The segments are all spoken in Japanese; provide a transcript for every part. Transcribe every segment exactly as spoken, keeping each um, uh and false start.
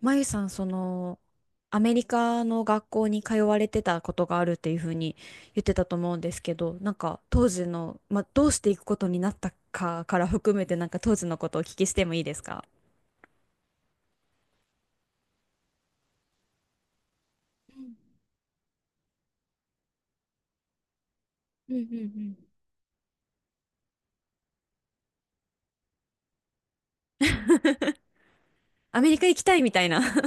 まゆさん、その、アメリカの学校に通われてたことがあるっていうふうに言ってたと思うんですけど、なんか当時の、まあ、どうしていくことになったかから含めて、なんか当時のことをお聞きしてもいいですか？うんうんうん。アメリカ行きたいみたいな。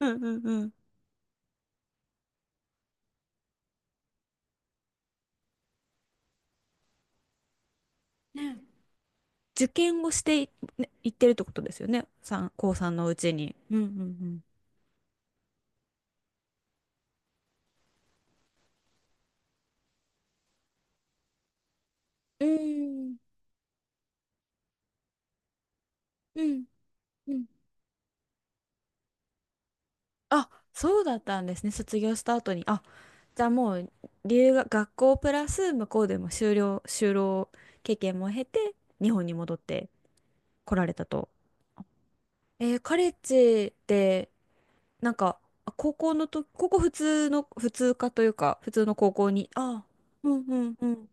うんうんうん。ね、受験をしてい、ね、行ってるってことですよね。三高3のうちに。うんうんうん。うんうんうん。あ、そうだったんですね。卒業した後に。あ、じゃあもう留学、学校プラス向こうでも修了、就労経験も経て日本に戻って来られたと。えーカレッジでなんか、あ高校のと、高校、普通の普通科というか普通の高校に、あ、うんうんうん。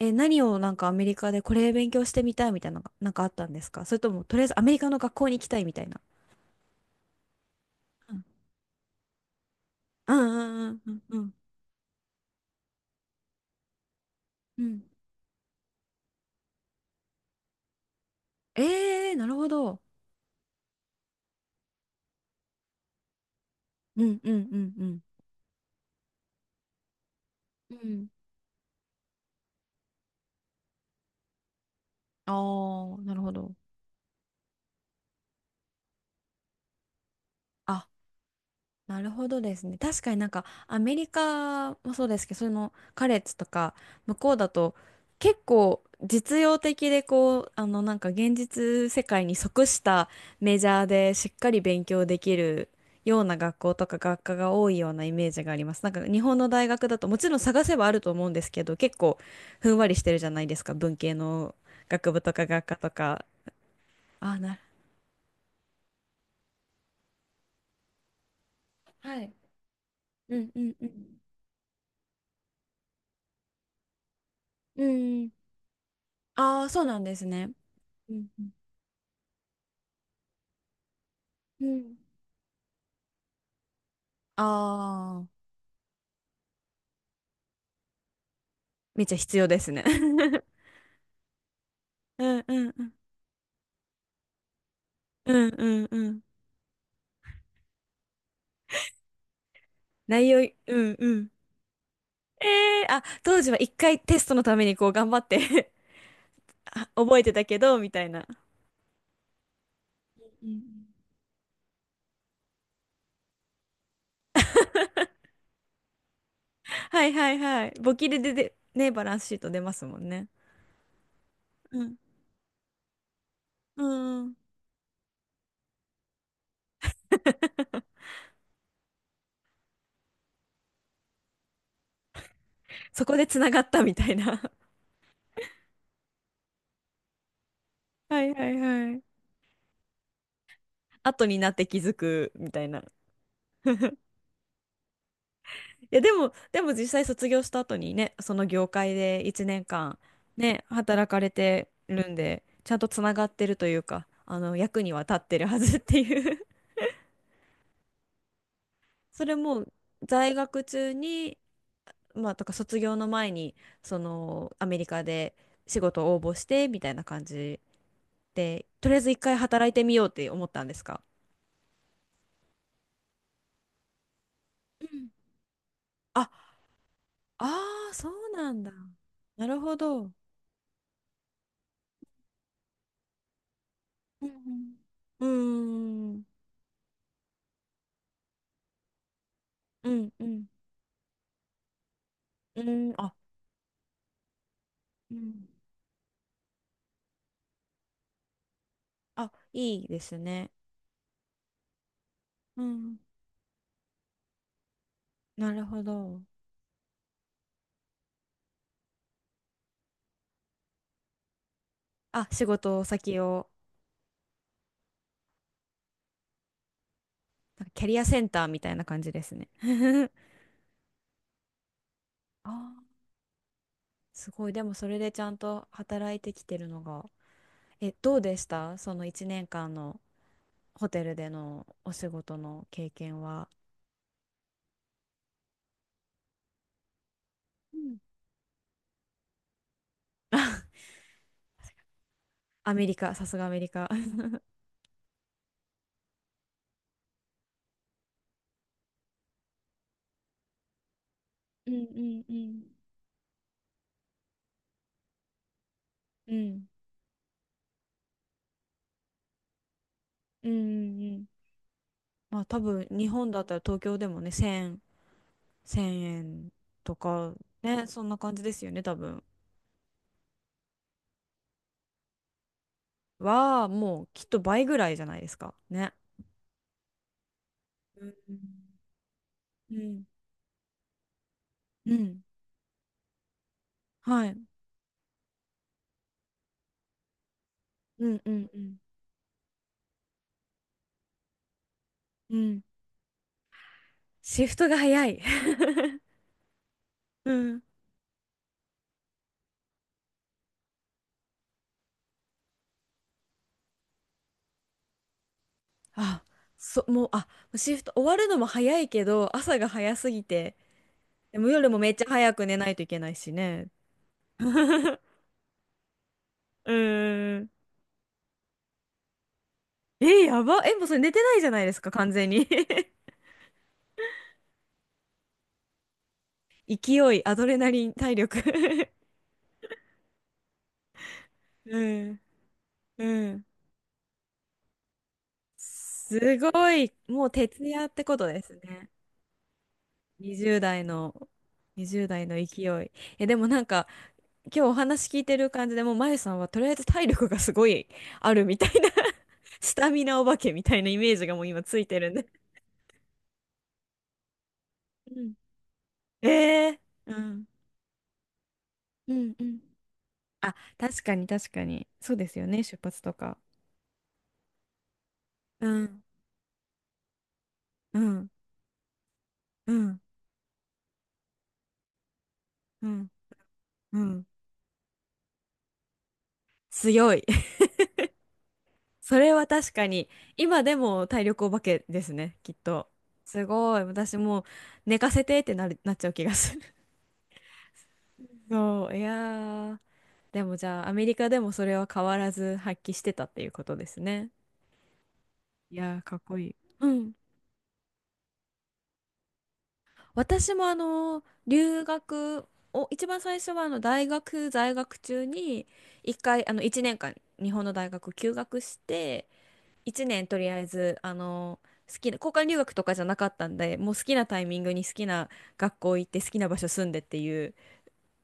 えー何をなんかアメリカでこれ勉強してみたいみたいなのがなんかあったんですか？それともとりあえずアメリカの学校に行きたいみたいな。うんうんうんうんうんうん。えんえー、なるほど。うんうんうんうん。うん。ああ、なるほど。あ、なるほどですね。確かになんかアメリカもそうですけど、そのカレッジとか向こうだと結構実用的でこう、あのなんか現実世界に即したメジャーでしっかり勉強できるような学校とか学科が多いようなイメージがあります。なんか日本の大学だともちろん探せばあると思うんですけど、結構ふんわりしてるじゃないですか、文系の学部とか学科とか。あ、な、はい。うんうんうん。うん。ああ、そうなんですね。うんうん。うん。ああ、めっちゃ必要ですね。うんうんうん。うんうんうん。内容い、うんうん。ええあ、当時は一回テストのためにこう頑張って、 覚えてたけど、みたいな。うんうん。はいはいはい。簿記でで、で、ね、バランスシート出ますもんね。うん。うん。そこでつながったみたいな。はいはいはい。後になって気づくみたいな。いや、でも、でも実際卒業した後にね、その業界でいちねんかん、ね、働かれてるんで、ちゃんとつながってるというか、あの、役には立ってるはずっていう。 それも、在学中に、まあ、とか卒業の前に、その、アメリカで仕事を応募して、みたいな感じで、とりあえず一回働いてみようって思ったんですか？うん。あ、ああ、そうなんだ。なるほど。うんうんうーん、うん、うん、うん、あ、うん。あ、いいですね。うん。なるほど。あ、仕事先を、なんかキャリアセンターみたいな感じですね。あー、すごい。でもそれでちゃんと働いてきてるのが。え、どうでしたそのいちねんかんのホテルでのお仕事の経験は？うん。 アメリカ、さすがアメリカ。うんうんうん。うん。うんうんうん。まあ多分日本だったら東京でもね、せん せんえんとか、ね、そんな感じですよね、多分。は、もうきっと倍ぐらいじゃないですか。ね。うん。うん。はい。うんうんうん。うん。シフトが早い。うん。あ、そ、もう、あ、シフト終わるのも早いけど、朝が早すぎて、でも夜もめっちゃ早く寝ないといけないしね。うーん。え、やば。え、もうそれ寝てないじゃないですか、完全に。勢い、アドレナリン、体力。 うん。うん。すごい、もう徹夜ってことですね。にじゅう代の、にじゅう代の勢い。え、でもなんか、今日お話聞いてる感じでもう、まゆさんはとりあえず体力がすごいあるみたいな、 スタミナお化けみたいなイメージがもう今ついてるんで。うん。えー、うん。うんうん。あ、確かに確かに。そうですよね、出発とか。うん。うん。うん。うん。うん。強い。それは確かに、今でも体力お化けですね、きっと。すごい。私もう寝かせてってなる、なっちゃう気がする。そう、いやー。でもじゃあ、アメリカでもそれは変わらず発揮してたっていうことですね。いやー、かっこいい。うん。私もあの、留学を、一番最初はあの、大学在学中に、一回、あの、一年間、日本の大学休学して、いちねんとりあえずあの好きな交換留学とかじゃなかったんで、もう好きなタイミングに好きな学校行って好きな場所住んでっていう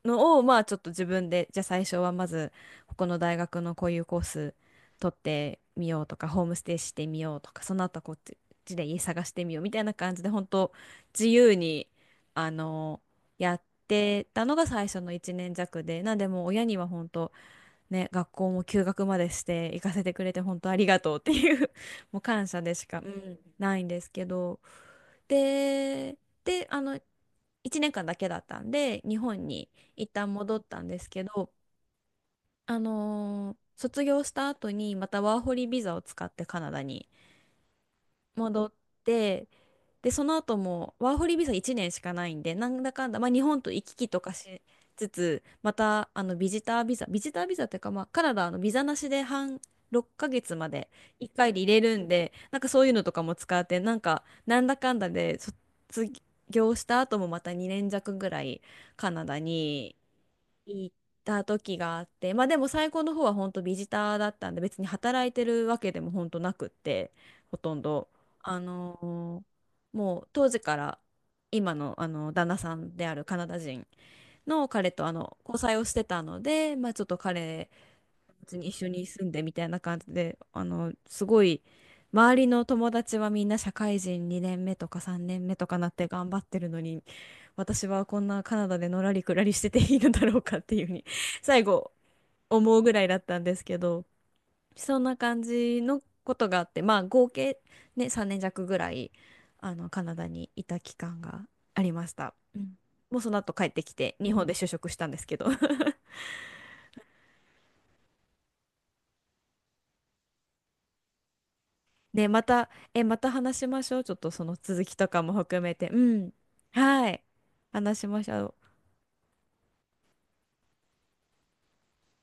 のをまあちょっと自分で、じゃあ最初はまずここの大学のこういうコース取ってみようとかホームステイしてみようとかその後こっちで家探してみようみたいな感じで本当自由にあのやってたのが最初のいちねん弱で、なんでもう親には本当ね、学校も休学までして行かせてくれて本当ありがとうっていう、 もう感謝でしかうんないんですけど、で、であのいちねんかんだけだったんで日本に一旦戻ったんですけど、あのー卒業した後にまたワーホリビザを使ってカナダに戻って、で、その後もワーホリビザいちねんしかないんで、なんだかんだ、まあ、日本と行き来とかしつつ、またあのビジタービザ、ビジタービザっていうか、まあ、カナダはあのビザなしで半ろっかげつまでいっかいで入れるんで、なんかそういうのとかも使って、なんかなんだかんだで卒業した後もまたにねん弱ぐらいカナダに。行った時があって、まあでも最後の方は本当ビジターだったんで、別に働いてるわけでも本当なくって、ほとんど、あのーもう当時から今の、あの旦那さんであるカナダ人の彼とあの交際をしてたので、まあちょっと彼別に一緒に住んでみたいな感じで、あの、すごい、周りの友達はみんな社会人にねんめとかさんねんめとかなって頑張ってるのに、私はこんなカナダでのらりくらりしてていいのだろうかっていうふうに、最後思うぐらいだったんですけど、そんな感じのことがあって、まあ合計ね、さんねん弱ぐらい、あの、カナダにいた期間がありました。うん、もうその後帰ってきて、日本で就職したんですけど。ね、また、え、また話しましょう。ちょっとその続きとかも含めて。うん。はい。話しましょう。